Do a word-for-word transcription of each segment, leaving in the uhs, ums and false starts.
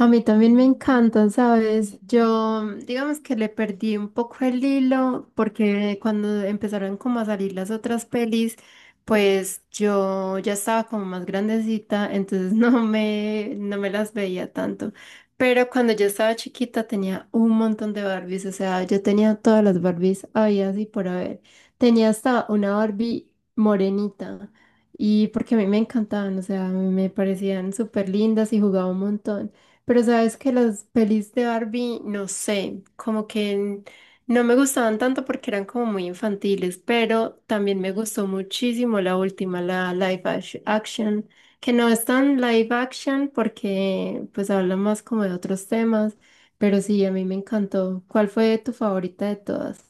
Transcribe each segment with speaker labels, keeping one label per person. Speaker 1: A mí también me encanta, ¿sabes? Yo, digamos que le perdí un poco el hilo porque cuando empezaron como a salir las otras pelis, pues yo ya estaba como más grandecita, entonces no me, no me las veía tanto. Pero cuando yo estaba chiquita tenía un montón de Barbies, o sea, yo tenía todas las Barbies había y por haber. Tenía hasta una Barbie morenita y porque a mí me encantaban, o sea, me parecían súper lindas y jugaba un montón. Pero sabes que las pelis de Barbie, no sé, como que n- no me gustaban tanto porque eran como muy infantiles, pero también me gustó muchísimo la última, la live ash- action, que no es tan live action porque pues habla más como de otros temas, pero sí, a mí me encantó. ¿Cuál fue tu favorita de todas?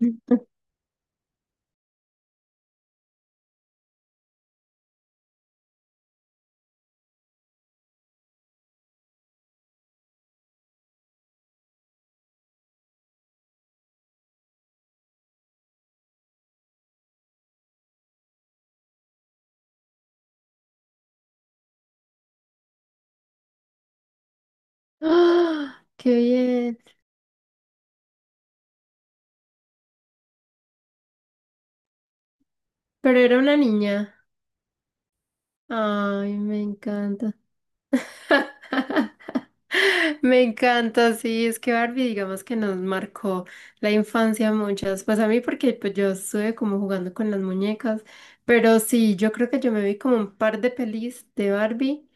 Speaker 1: ¡Ah! ¡Qué bien! Pero era una niña. Ay, me encanta. Me encanta, sí, es que Barbie, digamos que nos marcó la infancia a muchas, pues a mí porque pues, yo estuve como jugando con las muñecas, pero sí, yo creo que yo me vi como un par de pelis de Barbie,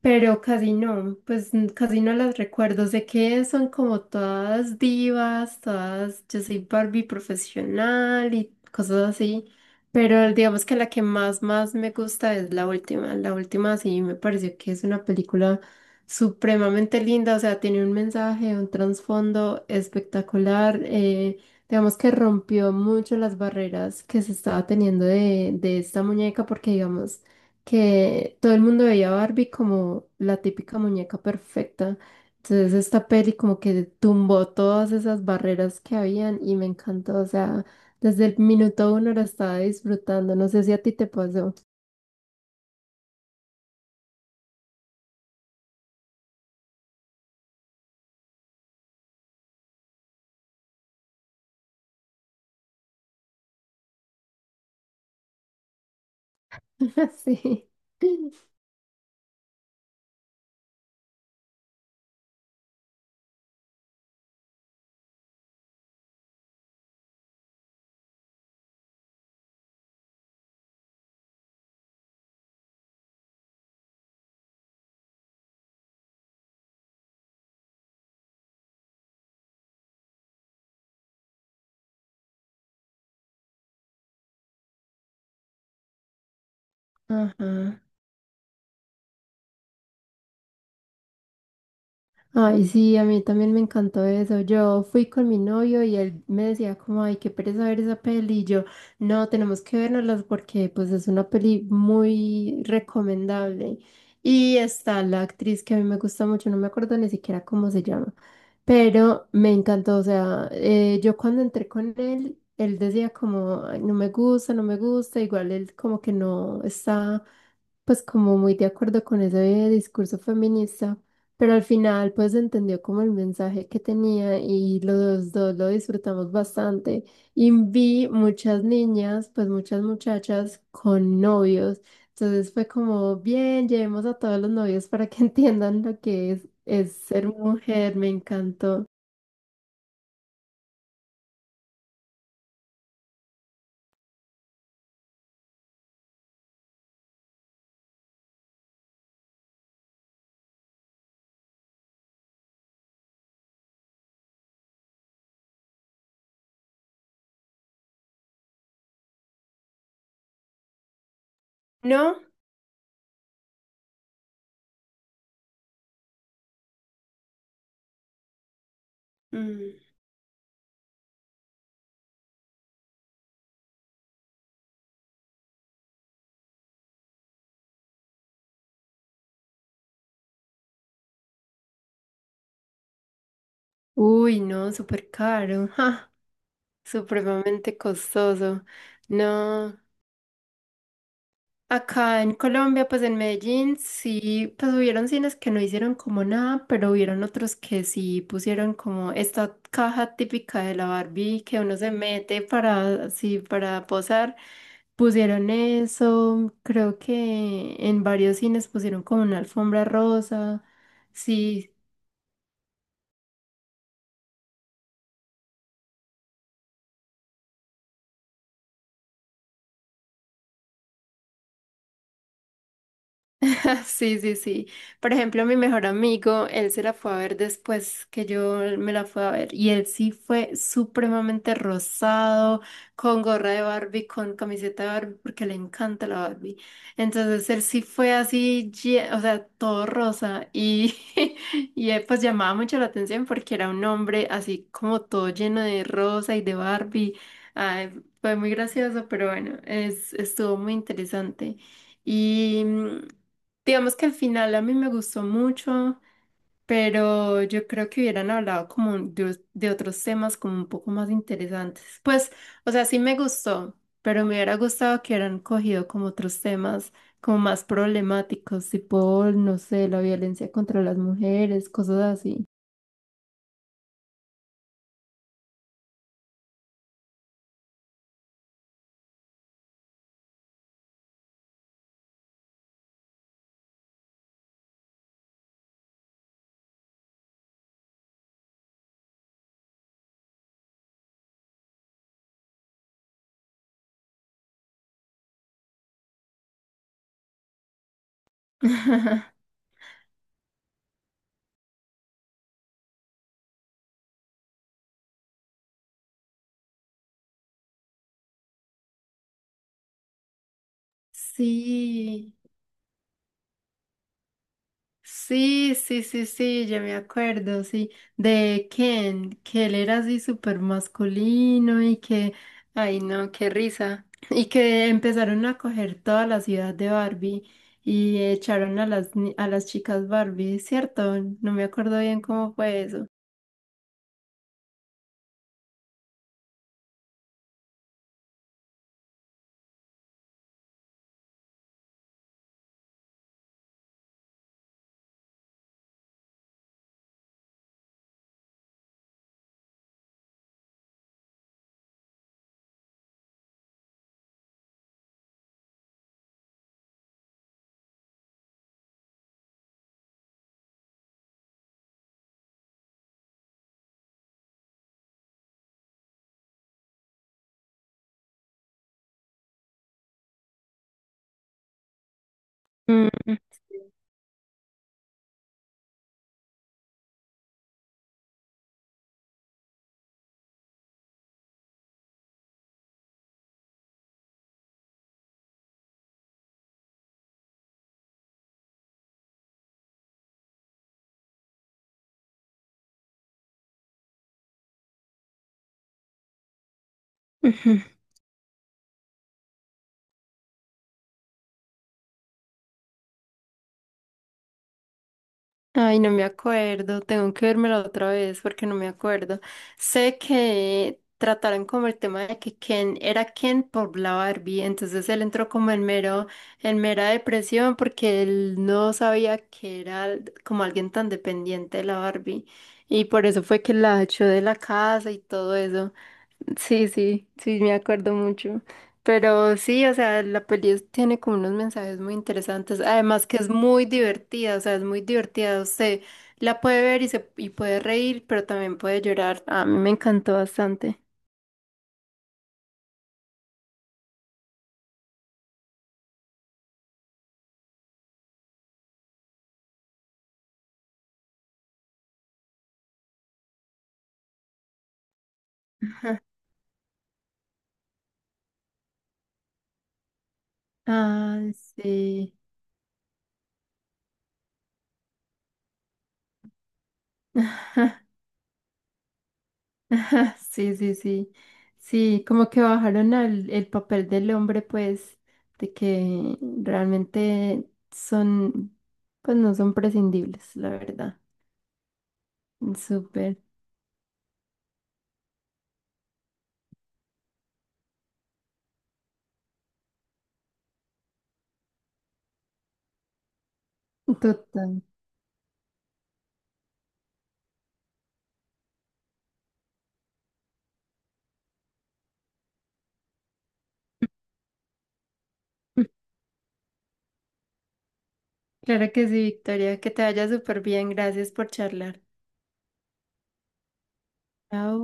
Speaker 1: pero casi no, pues n- casi no las recuerdo, sé que son como todas divas, todas, yo soy Barbie profesional y cosas así. Pero digamos que la que más, más me gusta es la última. La última sí me pareció que es una película supremamente linda, o sea, tiene un mensaje, un trasfondo espectacular. Eh, digamos que rompió mucho las barreras que se estaba teniendo de, de esta muñeca, porque digamos que todo el mundo veía a Barbie como la típica muñeca perfecta. Entonces esta peli como que tumbó todas esas barreras que habían y me encantó, o sea... Desde el minuto uno lo estaba disfrutando. No sé si a ti te pasó. Sí. Ajá. Ay, sí, a mí también me encantó eso. Yo fui con mi novio y él me decía como, ay, qué pereza ver esa peli. Y yo, no, tenemos que vernoslas porque pues es una peli muy recomendable. Y está la actriz que a mí me gusta mucho, no me acuerdo ni siquiera cómo se llama, pero me encantó. O sea, eh, yo cuando entré con él, él decía como, "Ay, no me gusta, no me gusta. Igual él como que no está pues como muy de acuerdo con ese discurso feminista. Pero al final, pues entendió como el mensaje que tenía y los dos lo disfrutamos bastante. Y vi muchas niñas, pues muchas muchachas con novios. Entonces fue como, bien, llevemos a todos los novios para que entiendan lo que es, es ser mujer. Me encantó. ¿No? Mm. Uy, no, súper caro, ja, supremamente costoso. No. Acá en Colombia, pues en Medellín, sí, pues hubieron cines que no hicieron como nada, pero hubieron otros que sí pusieron como esta caja típica de la Barbie que uno se mete para, así, para posar. Pusieron eso, creo que en varios cines pusieron como una alfombra rosa. Sí, sí, sí, sí. Por ejemplo, mi mejor amigo, él se la fue a ver después que yo me la fui a ver y él sí fue supremamente rosado, con gorra de Barbie, con camiseta de Barbie, porque le encanta la Barbie. Entonces él sí fue así, lle- o sea, todo rosa y, y eh, pues llamaba mucho la atención porque era un hombre así como todo lleno de rosa y de Barbie. Ay, fue muy gracioso, pero bueno, es, estuvo muy interesante. Y... mm, digamos que al final a mí me gustó mucho, pero yo creo que hubieran hablado como de, de otros temas como un poco más interesantes. Pues, o sea, sí me gustó, pero me hubiera gustado que hubieran cogido como otros temas como más problemáticos, tipo, no sé, la violencia contra las mujeres, cosas así. Sí. Sí, sí, sí, sí, ya me acuerdo, sí, de Ken, que él era así súper masculino y que, ay no, qué risa, y que empezaron a coger toda la ciudad de Barbie y echaron a las, ni- a las chicas Barbie, ¿cierto? No me acuerdo bien cómo fue eso. Mm, ujú. Ay, no me acuerdo, tengo que vérmela otra vez porque no me acuerdo. Sé que trataron como el tema de que Ken era Ken por la Barbie, entonces él entró como en mero, en mera depresión porque él no sabía que era al- como alguien tan dependiente de la Barbie y por eso fue que la echó de la casa y todo eso. Sí, sí, sí, me acuerdo mucho. Pero sí, o sea, la peli es- tiene como unos mensajes muy interesantes. Además que es muy divertida, o sea, es muy divertida. Usted la puede ver y, se, y puede reír, pero también puede llorar. A mí me encantó bastante. Ah, sí. Sí, sí, sí. Sí, como que bajaron al, el papel del hombre, pues, de que realmente son, pues no son prescindibles, la verdad. Súper. Total. Claro que sí, Victoria. Que te vaya súper bien. Gracias por charlar. Chao.